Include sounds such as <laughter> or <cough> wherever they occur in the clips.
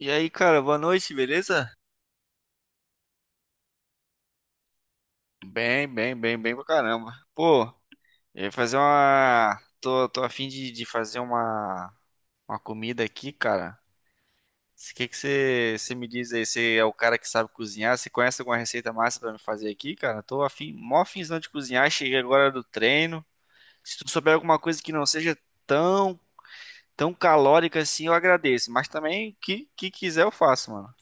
E aí, cara, boa noite, beleza? Bem, bem, bem, bem pra caramba. Pô, eu ia fazer uma. Tô a fim de fazer uma comida aqui, cara. O que que você me diz aí? Você é o cara que sabe cozinhar? Você conhece alguma receita massa pra me fazer aqui, cara? Tô afim, mó afinzão de cozinhar. Cheguei agora do treino. Se tu souber alguma coisa que não seja tão, tão calórica assim, eu agradeço. Mas também, o que quiser eu faço, mano.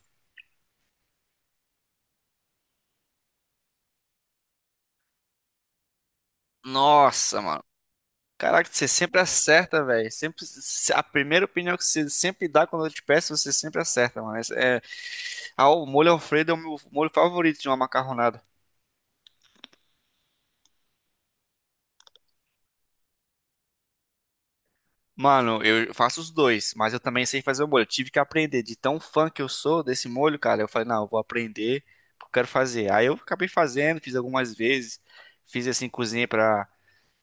Nossa, mano. Caraca, você sempre acerta, velho. Sempre se- A primeira opinião que você sempre dá quando eu te peço, você sempre acerta, mano. O molho Alfredo é o meu molho favorito de uma macarronada. Mano, eu faço os dois, mas eu também sei fazer o molho. Eu tive que aprender de tão fã que eu sou desse molho, cara. Eu falei, não, eu vou aprender, porque eu quero fazer. Aí eu acabei fazendo, fiz algumas vezes, fiz assim cozinhei pra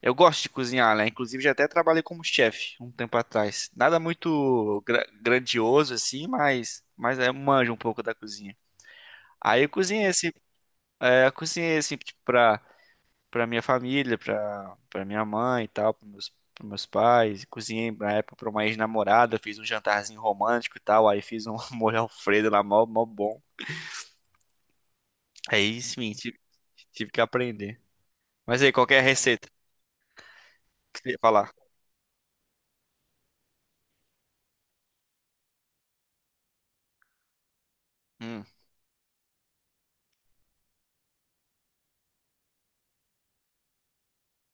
eu gosto de cozinhar, né? Inclusive já até trabalhei como chefe um tempo atrás. Nada muito grandioso assim, mas é manjo um pouco da cozinha. Aí eu cozinhei assim, é, eu cozinhei assim tipo, pra para minha família, pra para minha mãe e tal, para meus pros meus pais. Cozinhei na época pra uma ex-namorada, fiz um jantarzinho romântico e tal, aí fiz um <laughs> molho Alfredo lá mó mó bom. Aí sim, tive, tive que aprender. Mas aí qualquer receita que você ia falar. Hum.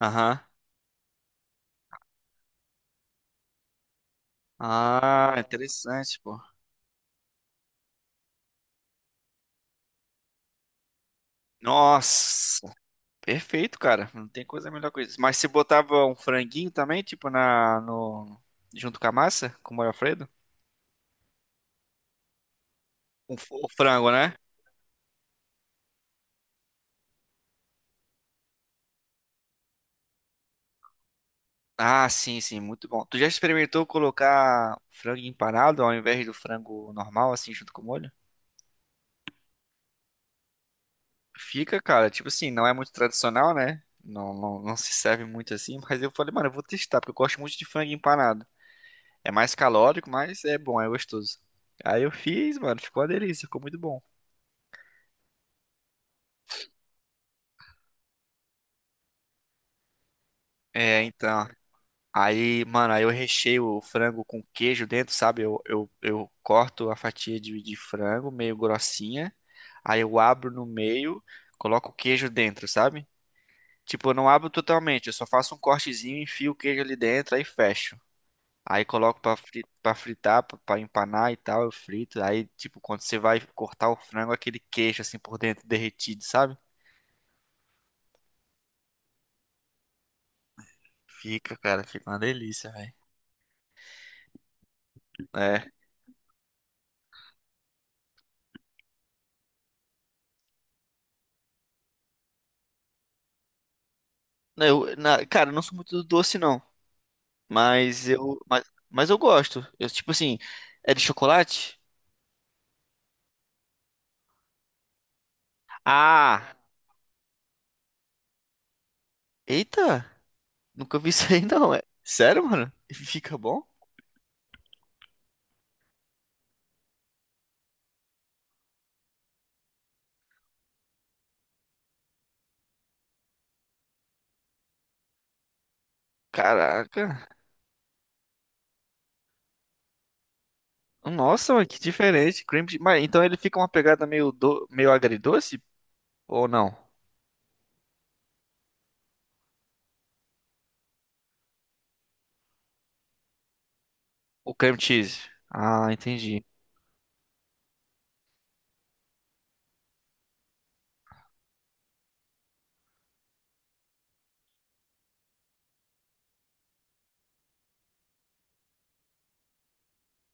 Aham. Ah, interessante, pô. Nossa, perfeito, cara. Não tem coisa melhor que isso. Mas se botava um franguinho também, tipo na no junto com a massa, com o molho Alfredo? Um o frango, né? Ah, sim, sim, muito bom. Tu já experimentou colocar frango empanado ao invés do frango normal, assim, junto com o molho? Fica, cara, tipo assim, não é muito tradicional, né? Não, não, não se serve muito assim, <laughs> mas eu falei, mano, eu vou testar, porque eu gosto muito de frango empanado. É mais calórico, mas é bom, é gostoso. Aí eu fiz, mano, ficou uma delícia, ficou muito bom. É, então. Aí, mano, aí eu recheio o frango com queijo dentro, sabe? Eu corto a fatia de frango meio grossinha, aí eu abro no meio, coloco o queijo dentro, sabe? Tipo, eu não abro totalmente, eu só faço um cortezinho, enfio o queijo ali dentro, aí fecho. Aí coloco pra fritar, pra empanar e tal, eu frito. Aí, tipo, quando você vai cortar o frango, aquele queijo assim por dentro derretido, sabe? Fica, cara, fica uma delícia, velho. É. Não, cara, eu não sou muito do doce, não. Mas eu, mas, mas eu gosto. Eu, tipo assim, é de chocolate? Ah, eita, nunca vi isso aí <laughs> não, é. Sério, mano? E fica bom? Caraca. Nossa, mano, que diferente. Cream cheese. Mas então ele fica uma pegada meio meio agridoce ou não? O cream cheese. Ah, entendi.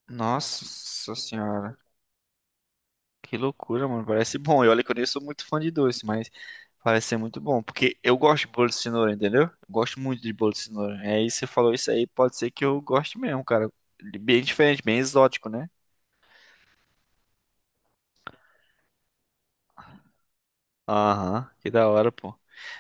Nossa senhora. Que loucura, mano. Parece bom. E olha que eu nem sou muito fã de doce, mas parece ser muito bom. Porque eu gosto de bolo de cenoura, entendeu? Eu gosto muito de bolo de cenoura. É isso, você falou isso aí, pode ser que eu goste mesmo, cara. Bem diferente, bem exótico, né? Aham, que da hora, pô.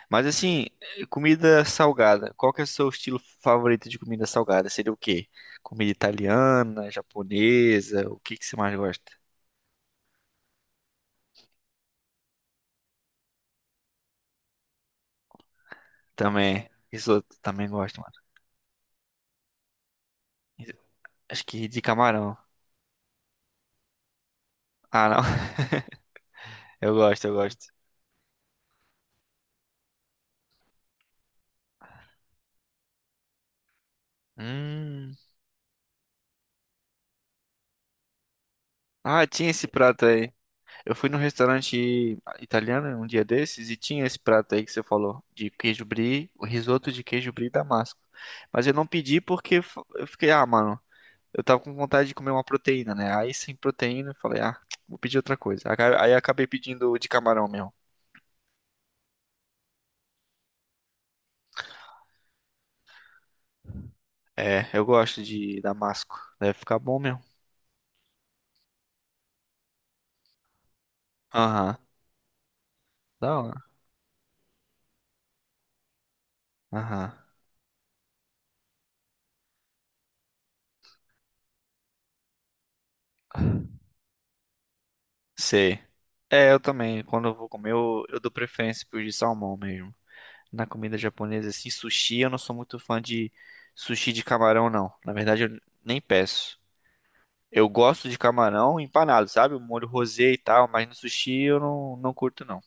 Mas assim, comida salgada. Qual que é o seu estilo favorito de comida salgada? Seria o quê? Comida italiana, japonesa? O que que você mais gosta? Também. Risoto, também gosto, mano. Acho que de camarão. Ah, não. <laughs> Eu gosto. Hum. Ah, tinha esse prato aí. Eu fui num restaurante italiano um dia desses e tinha esse prato aí que você falou, de queijo brie, o risoto de queijo brie damasco. Mas eu não pedi porque eu fiquei, ah, mano, eu tava com vontade de comer uma proteína, né? Aí sem proteína eu falei, ah, vou pedir outra coisa. Aí eu acabei pedindo de camarão mesmo. É, eu gosto de damasco. Deve ficar bom mesmo. Aham. Da hora. Aham. Sei. É, eu também. Quando eu vou comer, eu dou preferência pro de salmão mesmo. Na comida japonesa, assim, sushi, eu não sou muito fã de sushi de camarão, não. Na verdade, eu nem peço. Eu gosto de camarão empanado, sabe? O molho rosé e tal, mas no sushi eu não, não curto, não.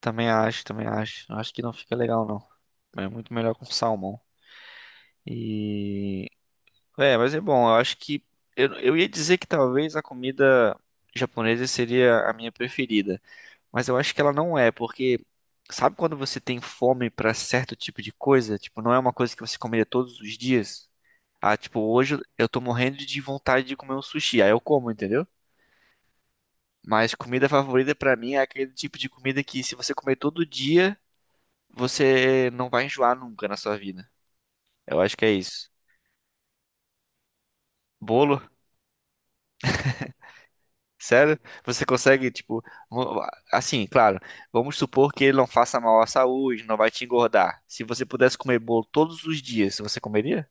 Também acho, também acho. Acho que não fica legal, não. É muito melhor com salmão. E. É, mas é bom, eu acho que. Eu ia dizer que talvez a comida japonesa seria a minha preferida. Mas eu acho que ela não é, porque sabe quando você tem fome pra certo tipo de coisa? Tipo, não é uma coisa que você comeria todos os dias. Ah, tipo, hoje eu tô morrendo de vontade de comer um sushi, aí eu como, entendeu? Mas comida favorita pra mim é aquele tipo de comida que se você comer todo dia, você não vai enjoar nunca na sua vida. Eu acho que é isso. Bolo? Sério? Você consegue, tipo, vo- assim, claro, vamos supor que ele não faça mal à saúde, não vai te engordar. Se você pudesse comer bolo todos os dias, você comeria?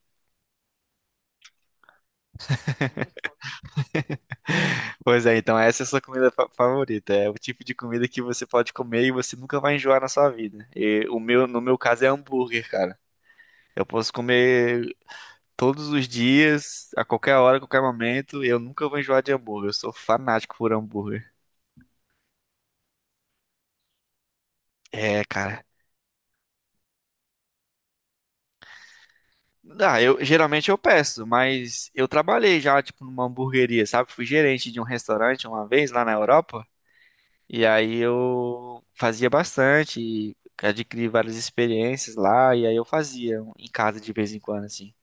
Pois é, então essa é a sua comida favorita. É o tipo de comida que você pode comer e você nunca vai enjoar na sua vida. E o meu, no meu caso, é hambúrguer, cara. Eu posso comer todos os dias, a qualquer hora, a qualquer momento, e eu nunca vou enjoar de hambúrguer. Eu sou fanático por hambúrguer. É, cara. Ah, eu geralmente eu peço, mas eu trabalhei já, tipo, numa hamburgueria, sabe? Fui gerente de um restaurante uma vez lá na Europa. E aí eu fazia bastante, e adquiri várias experiências lá, e aí eu fazia um, em casa de vez em quando, assim.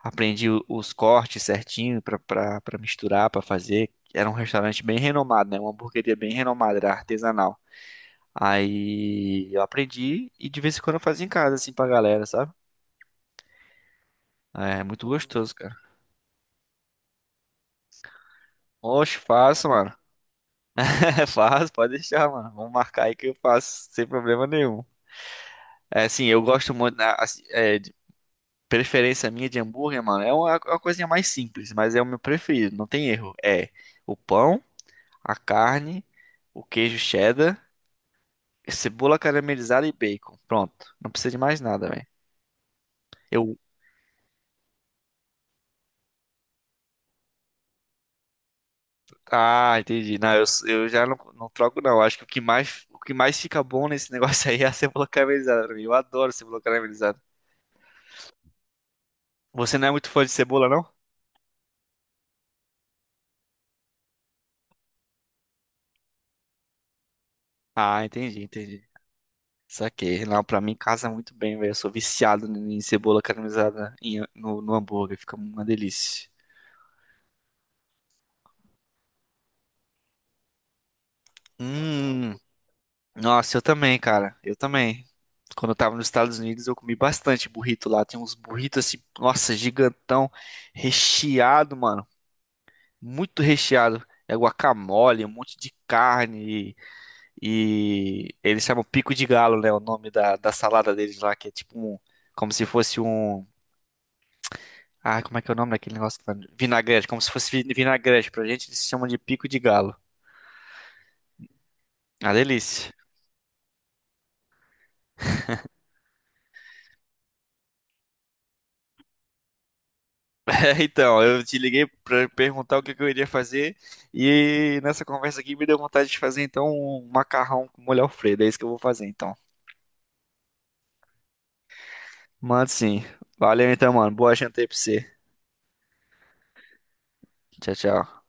Aprendi os cortes certinho pra, pra, pra misturar, pra fazer. Era um restaurante bem renomado, né? Uma hamburgueria bem renomada, era artesanal. Aí eu aprendi e de vez em quando eu fazia em casa, assim, pra galera, sabe? É muito gostoso, cara. Oxe, faço, mano. <laughs> É, faço, pode deixar, mano. Vamos marcar aí que eu faço sem problema nenhum. É, assim, eu gosto muito, né, assim, é, preferência minha de hambúrguer, mano, é uma coisinha mais simples, mas é o meu preferido, não tem erro. É o pão, a carne, o queijo cheddar, cebola caramelizada e bacon. Pronto, não precisa de mais nada, velho. Eu, Entendi. Não, eu já não troco não. Acho que o que mais fica bom nesse <laughs> negócio aí é a cebola caramelizada pra mim. Eu adoro cebola caramelizada. Você não é muito fã de cebola, não? Ah, entendi, entendi. Saquei. Não, pra mim casa muito bem, velho. Eu sou viciado em cebola caramelizada no, no hambúrguer. Fica uma delícia. Hum, nossa, eu também, cara. Eu também. Quando eu tava nos Estados Unidos, eu comi bastante burrito lá. Tem uns burritos assim, nossa, gigantão, recheado, mano. Muito recheado. É guacamole, um monte de carne. E eles chamam pico de galo, né? O nome da salada deles lá, que é tipo um. Como se fosse um. Ah, como é que é o nome daquele negócio? Vinagrete, como se fosse vinagrete. Pra gente, eles chamam de pico de galo. Ah, delícia. <laughs> É, então, eu te liguei pra perguntar o que que eu iria fazer e nessa conversa aqui me deu vontade de fazer então um macarrão com molho Alfredo. É isso que eu vou fazer então. Mano, sim. Valeu então, mano. Boa janta aí pra você. Tchau, tchau.